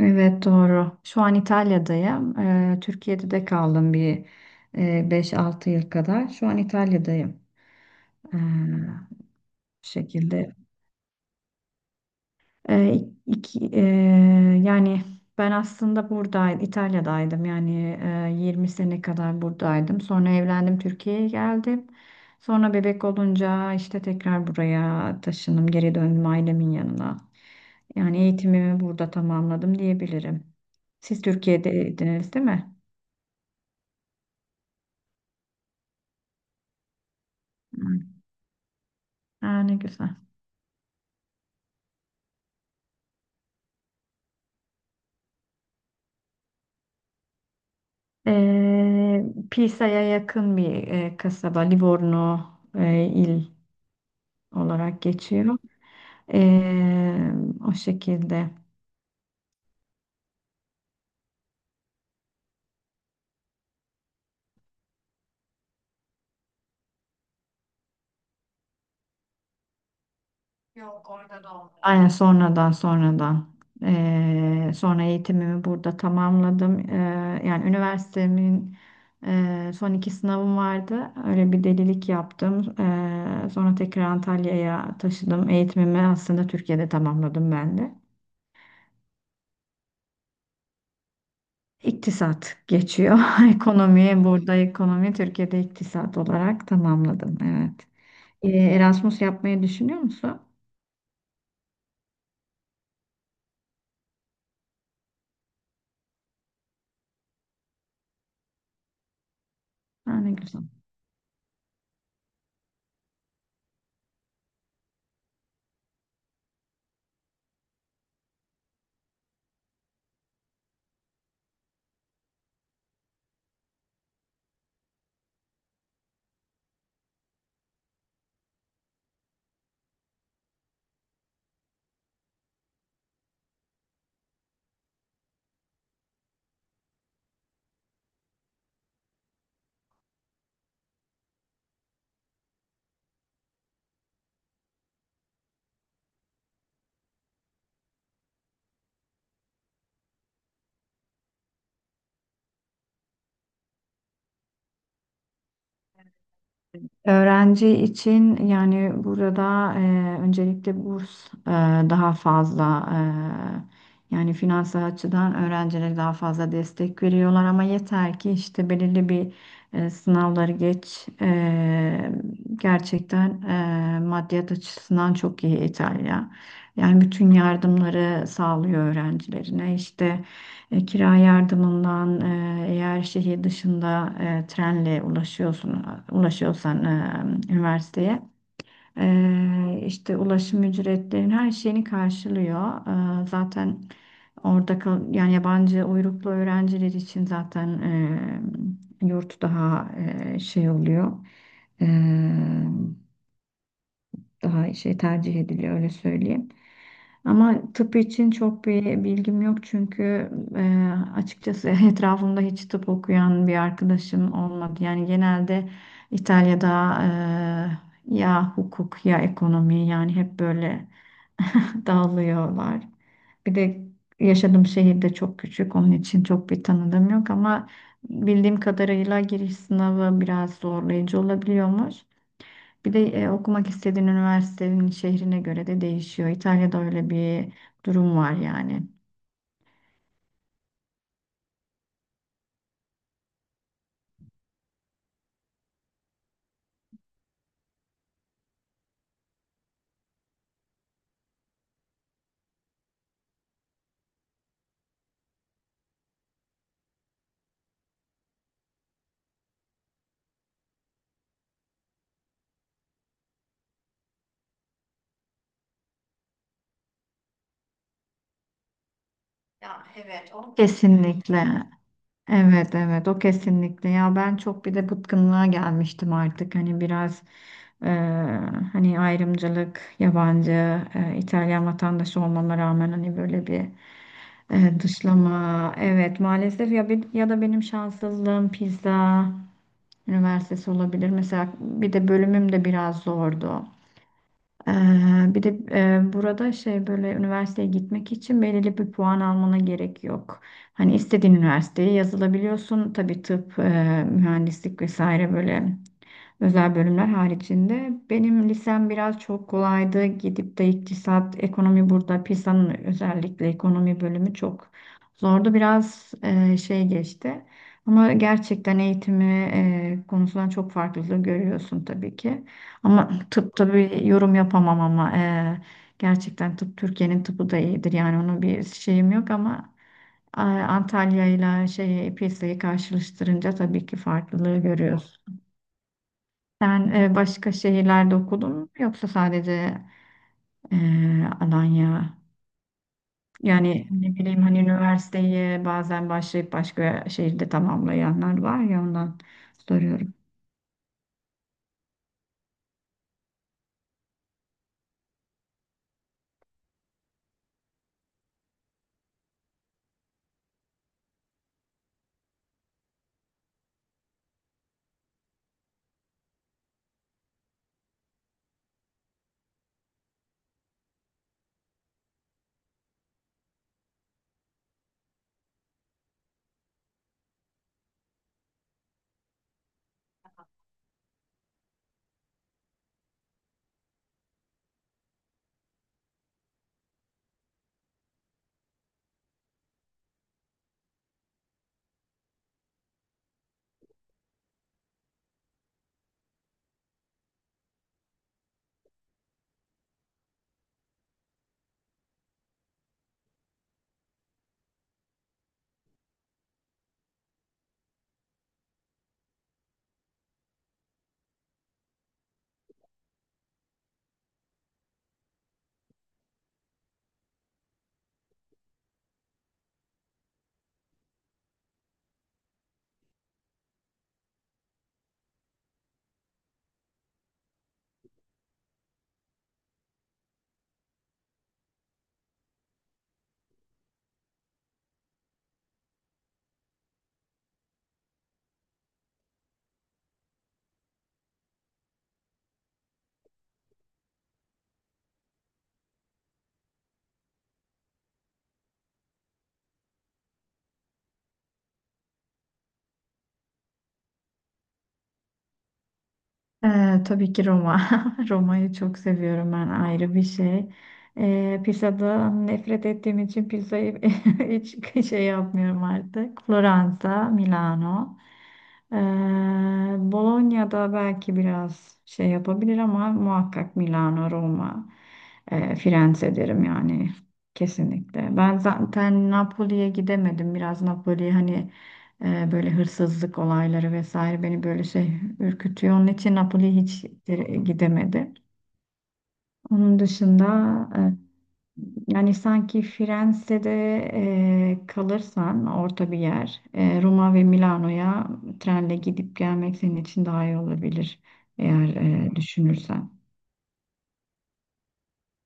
Evet doğru. Şu an İtalya'dayım. Türkiye'de de kaldım bir e, 5-6 yıl kadar. Şu an İtalya'dayım. Bu şekilde. Ee, iki, e, yani ben aslında burada İtalya'daydım yani 20 sene kadar buradaydım. Sonra evlendim, Türkiye'ye geldim. Sonra bebek olunca işte tekrar buraya taşındım, geri döndüm ailemin yanına. Yani eğitimimi burada tamamladım diyebilirim. Siz Türkiye'deydiniz, değil mi? Hı. Aa, ne güzel. Ee, Pisa'ya yakın bir kasaba, Livorno il olarak geçiyor. Ee, o şekilde. Yok, orada da olmuyor. Aynen, sonradan sonradan. Sonra eğitimimi burada tamamladım. Yani üniversitemin son iki sınavım vardı. Öyle bir delilik yaptım. Sonra tekrar Antalya'ya taşıdım. Eğitimimi aslında Türkiye'de tamamladım ben de. İktisat geçiyor. Ekonomi burada, ekonomi Türkiye'de iktisat olarak tamamladım. Evet. Erasmus yapmayı düşünüyor musun? Ha, ne güzel. Öğrenci için yani burada öncelikle burs daha fazla yani finansal açıdan öğrencilere daha fazla destek veriyorlar ama yeter ki işte belirli bir sınavları geç. Gerçekten maddiyat açısından çok iyi İtalya. Yani bütün yardımları sağlıyor öğrencilerine işte. Kira yardımından eğer şehir dışında trenle ulaşıyorsan üniversiteye işte ulaşım ücretlerin her şeyini karşılıyor. Zaten orada kal yani yabancı uyruklu öğrenciler için zaten yurt daha şey oluyor. E, daha şey tercih ediliyor, öyle söyleyeyim. Ama tıp için çok bir bilgim yok çünkü e, açıkçası etrafımda hiç tıp okuyan bir arkadaşım olmadı. Yani genelde İtalya'da ya hukuk ya ekonomi, yani hep böyle dağılıyorlar. Bir de yaşadığım şehir de çok küçük, onun için çok bir tanıdığım yok ama bildiğim kadarıyla giriş sınavı biraz zorlayıcı olabiliyormuş. Bir de okumak istediğin üniversitenin şehrine göre de değişiyor. İtalya'da öyle bir durum var yani. Ya evet, o kesinlikle. Evet, evet, o kesinlikle. Ya, ben çok bir de bıkkınlığa gelmiştim artık. Hani biraz, e, hani ayrımcılık, yabancı, İtalyan vatandaşı olmama rağmen hani böyle bir dışlama. Evet, maalesef. Ya bir, ya da benim şanssızlığım pizza üniversitesi olabilir. Mesela bir de bölümüm de biraz zordu. Ee, bir de burada şey böyle üniversiteye gitmek için belirli bir puan almana gerek yok. Hani istediğin üniversiteye yazılabiliyorsun. Tabii tıp, mühendislik vesaire, böyle özel bölümler haricinde. Benim lisem biraz çok kolaydı. Gidip de iktisat, ekonomi burada. PISA'nın özellikle ekonomi bölümü çok zordu. Biraz şey geçti. Ama gerçekten eğitimi konusundan çok farklılığı görüyorsun tabii ki. Ama tıp tabii yorum yapamam ama gerçekten tıp, Türkiye'nin tıpı da iyidir. Yani onun bir şeyim yok ama Antalya ile şey, PISA'yı karşılaştırınca tabii ki farklılığı görüyoruz. Sen başka şehirlerde okudun mu yoksa sadece e, Alanya? Yani ne bileyim, hani üniversiteyi bazen başlayıp başka şehirde tamamlayanlar var ya, ondan soruyorum. Tabii ki Roma. Roma'yı çok seviyorum ben, ayrı bir şey. Pizzadan nefret ettiğim için pizzayı hiç şey yapmıyorum artık. Floransa, Milano. Ee, Bologna'da belki biraz şey yapabilir ama muhakkak Milano, Roma, Firenze derim yani, kesinlikle. Ben zaten Napoli'ye gidemedim. Biraz Napoli, hani böyle hırsızlık olayları vesaire beni böyle şey ürkütüyor. Onun için Napoli hiç gidemedi. Onun dışında e, yani sanki Firenze'de kalırsan, orta bir yer, Roma ve Milano'ya trenle gidip gelmek senin için daha iyi olabilir eğer düşünürsen.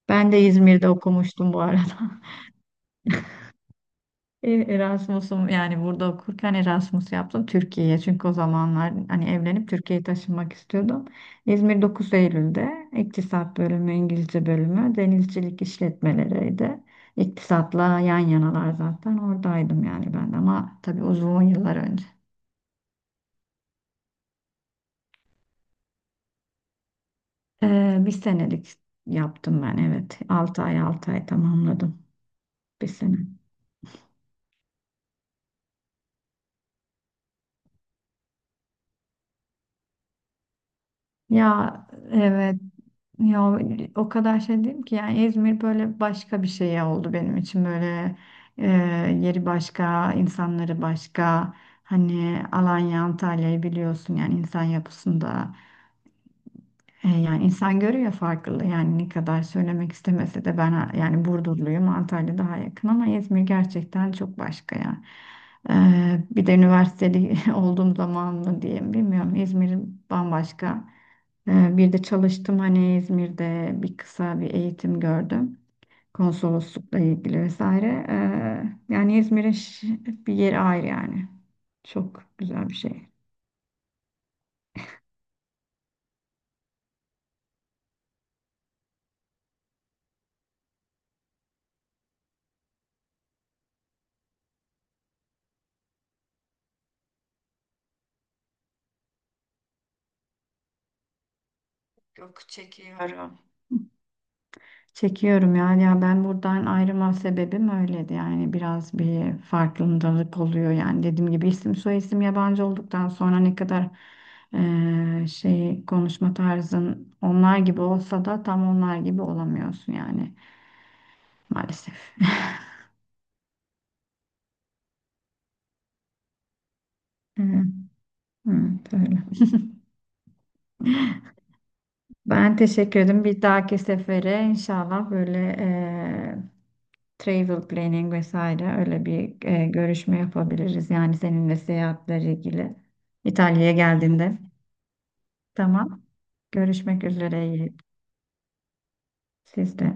Ben de İzmir'de okumuştum bu arada. Erasmus'um, yani burada okurken Erasmus yaptım Türkiye'ye. Çünkü o zamanlar hani evlenip Türkiye'ye taşınmak istiyordum. İzmir Dokuz Eylül'de İktisat bölümü, İngilizce bölümü, denizcilik işletmeleriydi. İktisatla yan yanalar, zaten oradaydım yani ben de, ama tabii uzun yıllar önce. Bir senelik yaptım ben, evet. 6 ay 6 ay tamamladım, bir sene. Ya, evet. Ya o kadar şey diyeyim ki, yani İzmir böyle başka bir şey oldu benim için, böyle e, yeri başka, insanları başka. Hani Alanya, Antalya'yı biliyorsun yani insan yapısında. Yani insan görüyor farklılığı, yani ne kadar söylemek istemese de ben yani Burdurluyum, Antalya daha yakın ama İzmir gerçekten çok başka ya. Bir de üniversiteli olduğum zaman mı diyeyim bilmiyorum, İzmir bambaşka. Bir de çalıştım, hani İzmir'de bir kısa bir eğitim gördüm konsoloslukla ilgili vesaire. Yani İzmir'in bir yeri ayrı yani, çok güzel bir şey. Çok çekiyorum. Çekiyorum ya. Ya ben buradan ayrılma sebebim öyleydi. Yani biraz bir farkındalık oluyor. Yani dediğim gibi isim soyisim yabancı olduktan sonra, ne kadar şey, konuşma tarzın onlar gibi olsa da tam onlar gibi olamıyorsun yani maalesef. Evet, evet öyle. Ben teşekkür ederim. Bir dahaki sefere inşallah böyle eee, travel planning vesaire, öyle bir görüşme yapabiliriz. Yani seninle seyahatlerle ilgili İtalya'ya geldiğinde. Tamam. Görüşmek üzere. İyi. Siz de.